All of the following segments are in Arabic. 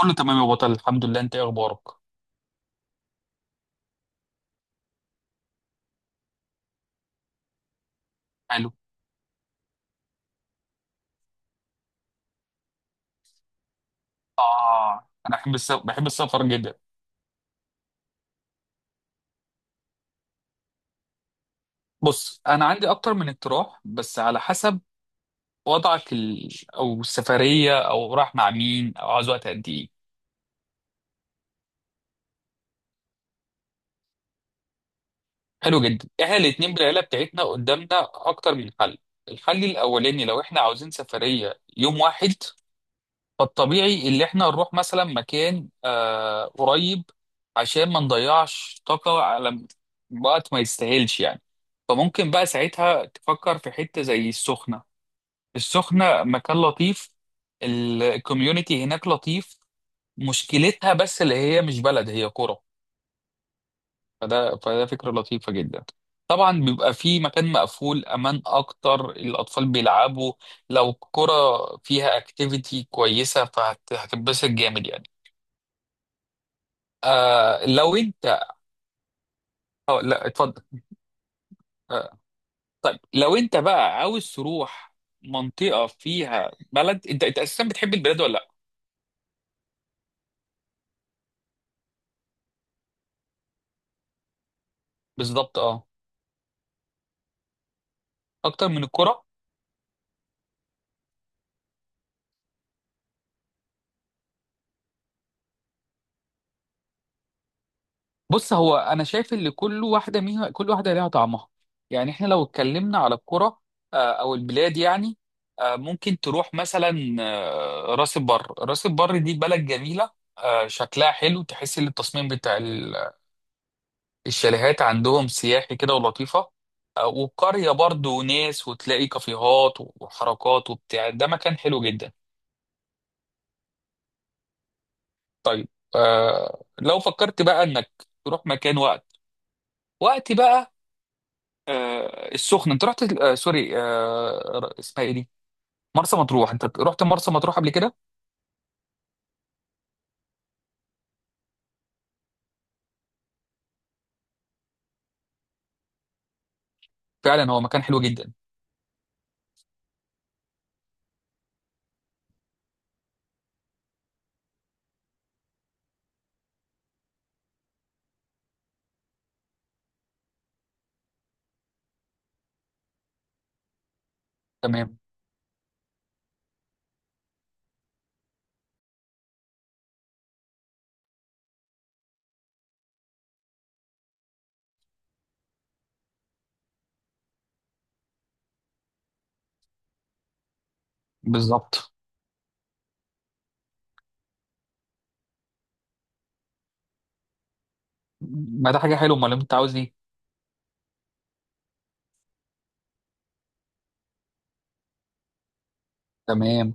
كله تمام يا بطل، الحمد لله. انت ايه اخبارك؟ حلو. اه انا بحب بحب السفر جدا. بص انا عندي اكتر من اقتراح بس على حسب وضعك او السفريه او رايح مع مين او عاوز وقت قد ايه؟ حلو جدا. احنا الاتنين بالعيله بتاعتنا قدامنا اكتر من حل. الحل الاولاني لو احنا عاوزين سفريه يوم واحد، فالطبيعي اللي احنا نروح مثلا مكان قريب عشان ما نضيعش طاقة على وقت ما يستاهلش يعني. فممكن بقى ساعتها تفكر في حتة زي السخنة. السخنة مكان لطيف، الكوميونتي هناك لطيف. مشكلتها بس اللي هي مش بلد، هي قرى. فده فكرة لطيفة جدا. طبعا بيبقى في مكان مقفول، امان اكتر، الاطفال بيلعبوا لو قرى، فيها اكتيفيتي كويسة فهتتبسط جامد يعني. آه لو انت. اه لا اتفضل. آه طيب لو انت بقى عاوز تروح منطقة فيها بلد، انت اساسا بتحب البلاد ولا لا؟ بالظبط اه. اكتر من الكرة. بص هو انا شايف ان كل واحدة منها، كل واحدة ليها طعمها. يعني احنا لو اتكلمنا على الكرة او البلاد يعني، ممكن تروح مثلا راس البر. راس البر دي بلد جميلة، شكلها حلو، تحس ان التصميم بتاع الشاليهات عندهم سياحي كده ولطيفة. والقرية برضو ناس وتلاقي كافيهات وحركات وبتاع، ده مكان حلو جدا. طيب، لو فكرت بقى انك تروح مكان وقت بقى. السخنة انت رحت، سوري، اسمها ايه دي؟ مرسى مطروح. انت رحت مرسى مطروح قبل كده؟ فعلا هو مكان حلو جدا. تمام. بالظبط. ما ده حاجة حلوة، امال انت عاوز ايه؟ تمام.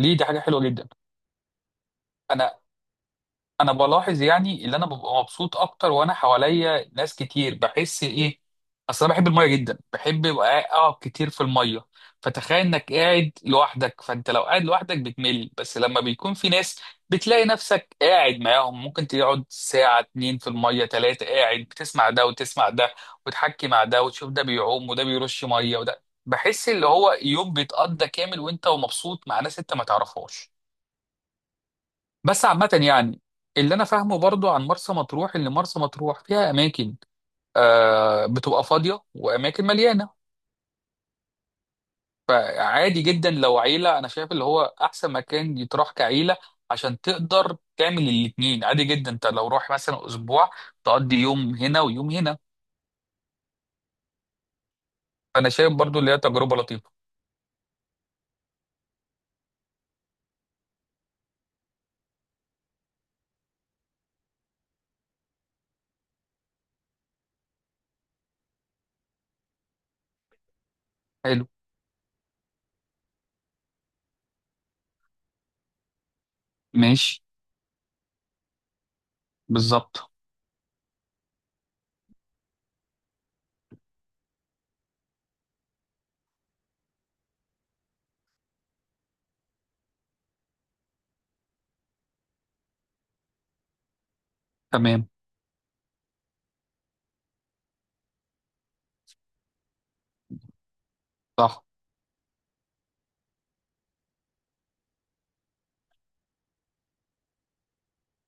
ليه؟ ده حاجة حلوة جدا. انا انا بلاحظ يعني اللي انا ببقى مبسوط اكتر وانا حواليا ناس كتير، بحس ايه؟ اصل انا بحب الميه جدا، بحب ابقى اقعد كتير في الميه. فتخيل انك قاعد لوحدك، فانت لو قاعد لوحدك بتمل، بس لما بيكون في ناس بتلاقي نفسك قاعد معاهم، ممكن تقعد ساعة اتنين في المية تلاتة قاعد بتسمع ده وتسمع ده، وتحكي مع ده وتشوف ده بيعوم وده بيرش مية وده، بحس اللي هو يوم بيتقضى كامل وانت ومبسوط مع ناس انت ما تعرفهاش. بس عامة يعني، اللي أنا فاهمه برضو عن مرسى مطروح إن مرسى مطروح فيها أماكن بتبقى فاضية وأماكن مليانة. فعادي جدا لو عيلة، أنا شايف اللي هو أحسن مكان يتراح كعيلة عشان تقدر تعمل الاتنين. عادي جدا أنت لو روح مثلا أسبوع تقضي يوم هنا ويوم هنا. فأنا شايف برضو اللي هي تجربة لطيفة. حلو. ماشي. بالظبط. تمام. صح.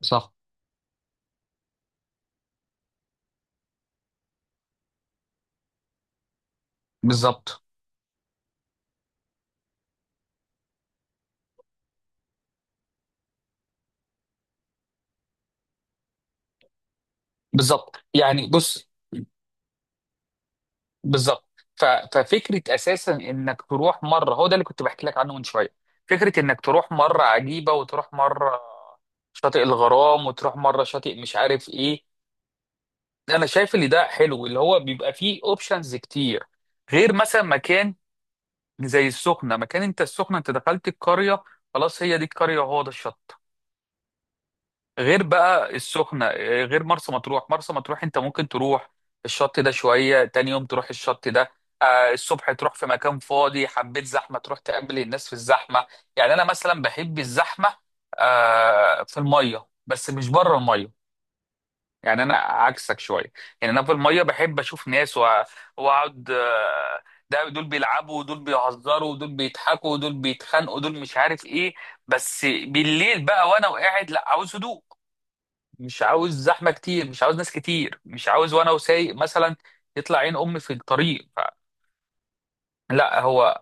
صح. بالظبط. بالظبط يعني بص. بالظبط. ففكره اساسا انك تروح مره، هو ده اللي كنت بحكي لك عنه من شويه. فكره انك تروح مره عجيبه، وتروح مره شاطئ الغرام، وتروح مره شاطئ مش عارف ايه. انا شايف اللي ده حلو، اللي هو بيبقى فيه اوبشنز كتير، غير مثلا مكان زي السخنه. مكان انت، السخنه انت دخلت القريه، خلاص هي دي القريه وهو ده الشط. غير بقى السخنة، غير مرسى مطروح. مرسى مطروح انت ممكن تروح الشط ده شوية، تاني يوم تروح الشط ده، الصبح تروح في مكان فاضي، حبيت زحمة تروح تقابل الناس في الزحمة. يعني انا مثلا بحب الزحمة في المية بس مش بره المية. يعني انا عكسك شوية. يعني انا في المية بحب اشوف ناس واقعد ده دول بيلعبوا ودول بيهزروا ودول بيضحكوا ودول بيتخانقوا ودول مش عارف ايه. بس بالليل بقى وانا وقاعد، لا عاوز هدوء. مش عاوز زحمه كتير، مش عاوز ناس كتير، مش عاوز وانا وسايق مثلا يطلع عين امي في الطريق. لا هو.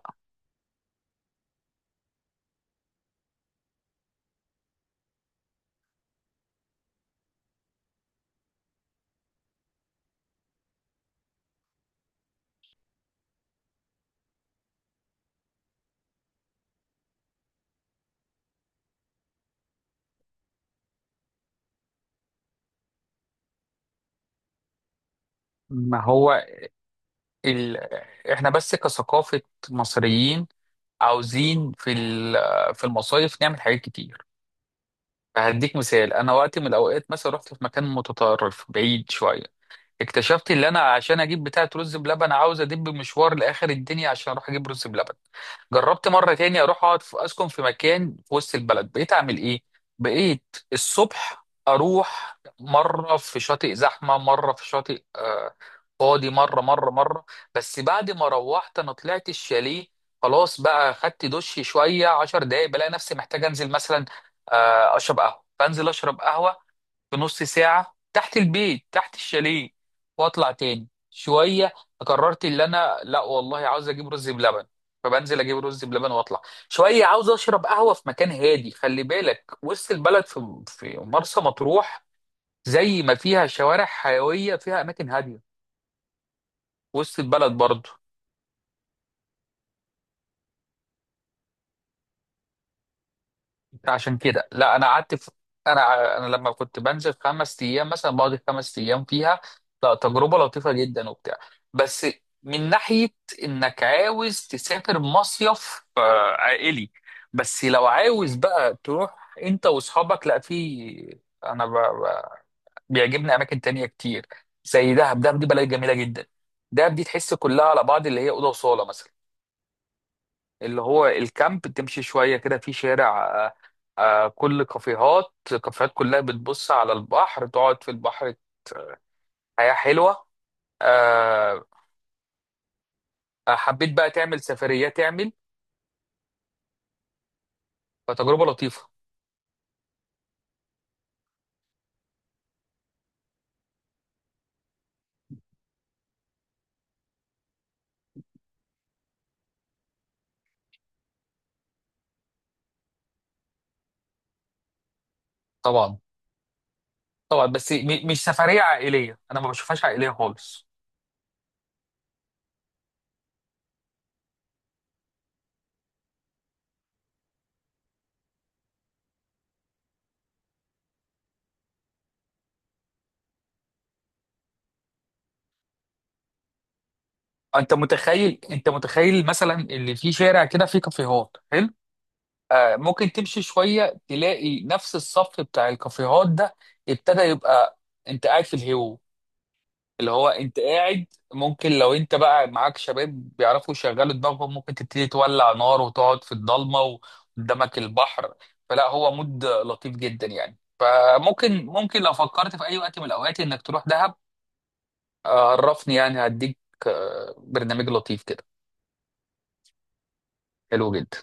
ما هو ال... احنا بس كثقافه مصريين عاوزين في في المصايف نعمل حاجات كتير. فهديك مثال. انا وقت من الاوقات مثلا رحت في مكان متطرف بعيد شويه، اكتشفت ان انا عشان اجيب بتاعه رز بلبن عاوز ادب مشوار لاخر الدنيا عشان اروح اجيب رز بلبن. جربت مره تاني اروح اقعد في، اسكن في مكان في وسط البلد. بقيت اعمل ايه؟ بقيت الصبح اروح مره في شاطئ زحمه، مره في شاطئ فاضي، مره مره مره. بس بعد ما روحت انا طلعت الشاليه، خلاص بقى، خدت دش شويه 10 دقايق، بلاقي نفسي محتاج انزل مثلا اشرب قهوه، فانزل اشرب قهوه. بنص ساعة تحت البيت، تحت الشاليه، واطلع تاني شوية. قررت اللي انا لا والله عاوز اجيب رز بلبن، فبنزل اجيب رز بلبن واطلع شوية، عاوز اشرب قهوة في مكان هادي. خلي بالك وسط البلد في مرسى مطروح زي ما فيها شوارع حيوية فيها اماكن هادية. وسط البلد برضه. عشان كده لا انا قعدت في، انا لما كنت بنزل خمس ايام مثلا، بقعد خمس ايام فيها. لا، تجربه لطيفه جدا وبتاع، بس من ناحيه انك عاوز تسافر مصيف عائلي. بس لو عاوز بقى تروح انت واصحابك، لا، في انا ب... ب... بيعجبني اماكن تانية كتير زي دهب. دهب دي بلد جميله جدا. دهب دي تحس كلها على بعض اللي هي اوضه وصاله مثلا، اللي هو الكامب. تمشي شوية كده في شارع كل كافيهات. كافيهات كلها بتبص على البحر، تقعد في البحر، حياة حلوة. آه، حبيت بقى تعمل سفريات تعمل فتجربة لطيفة. طبعا. طبعا بس مش سفرية عائلية. أنا ما بشوفهاش عائلية خالص. أنت متخيل مثلا اللي في شارع كده فيه كافيهات حلو. ممكن تمشي شوية تلاقي نفس الصف بتاع الكافيهات ده، ابتدى يبقى أنت قاعد في اللي هو انت قاعد. ممكن لو انت بقى معاك شباب بيعرفوا يشغلوا دماغهم، ممكن تبتدي تولع نار وتقعد في الضلمه وقدامك البحر، فلا هو مود لطيف جدا يعني، فممكن لو فكرت في اي وقت من الاوقات انك تروح دهب. عرفني يعني هديك برنامج لطيف كده. حلو جدا.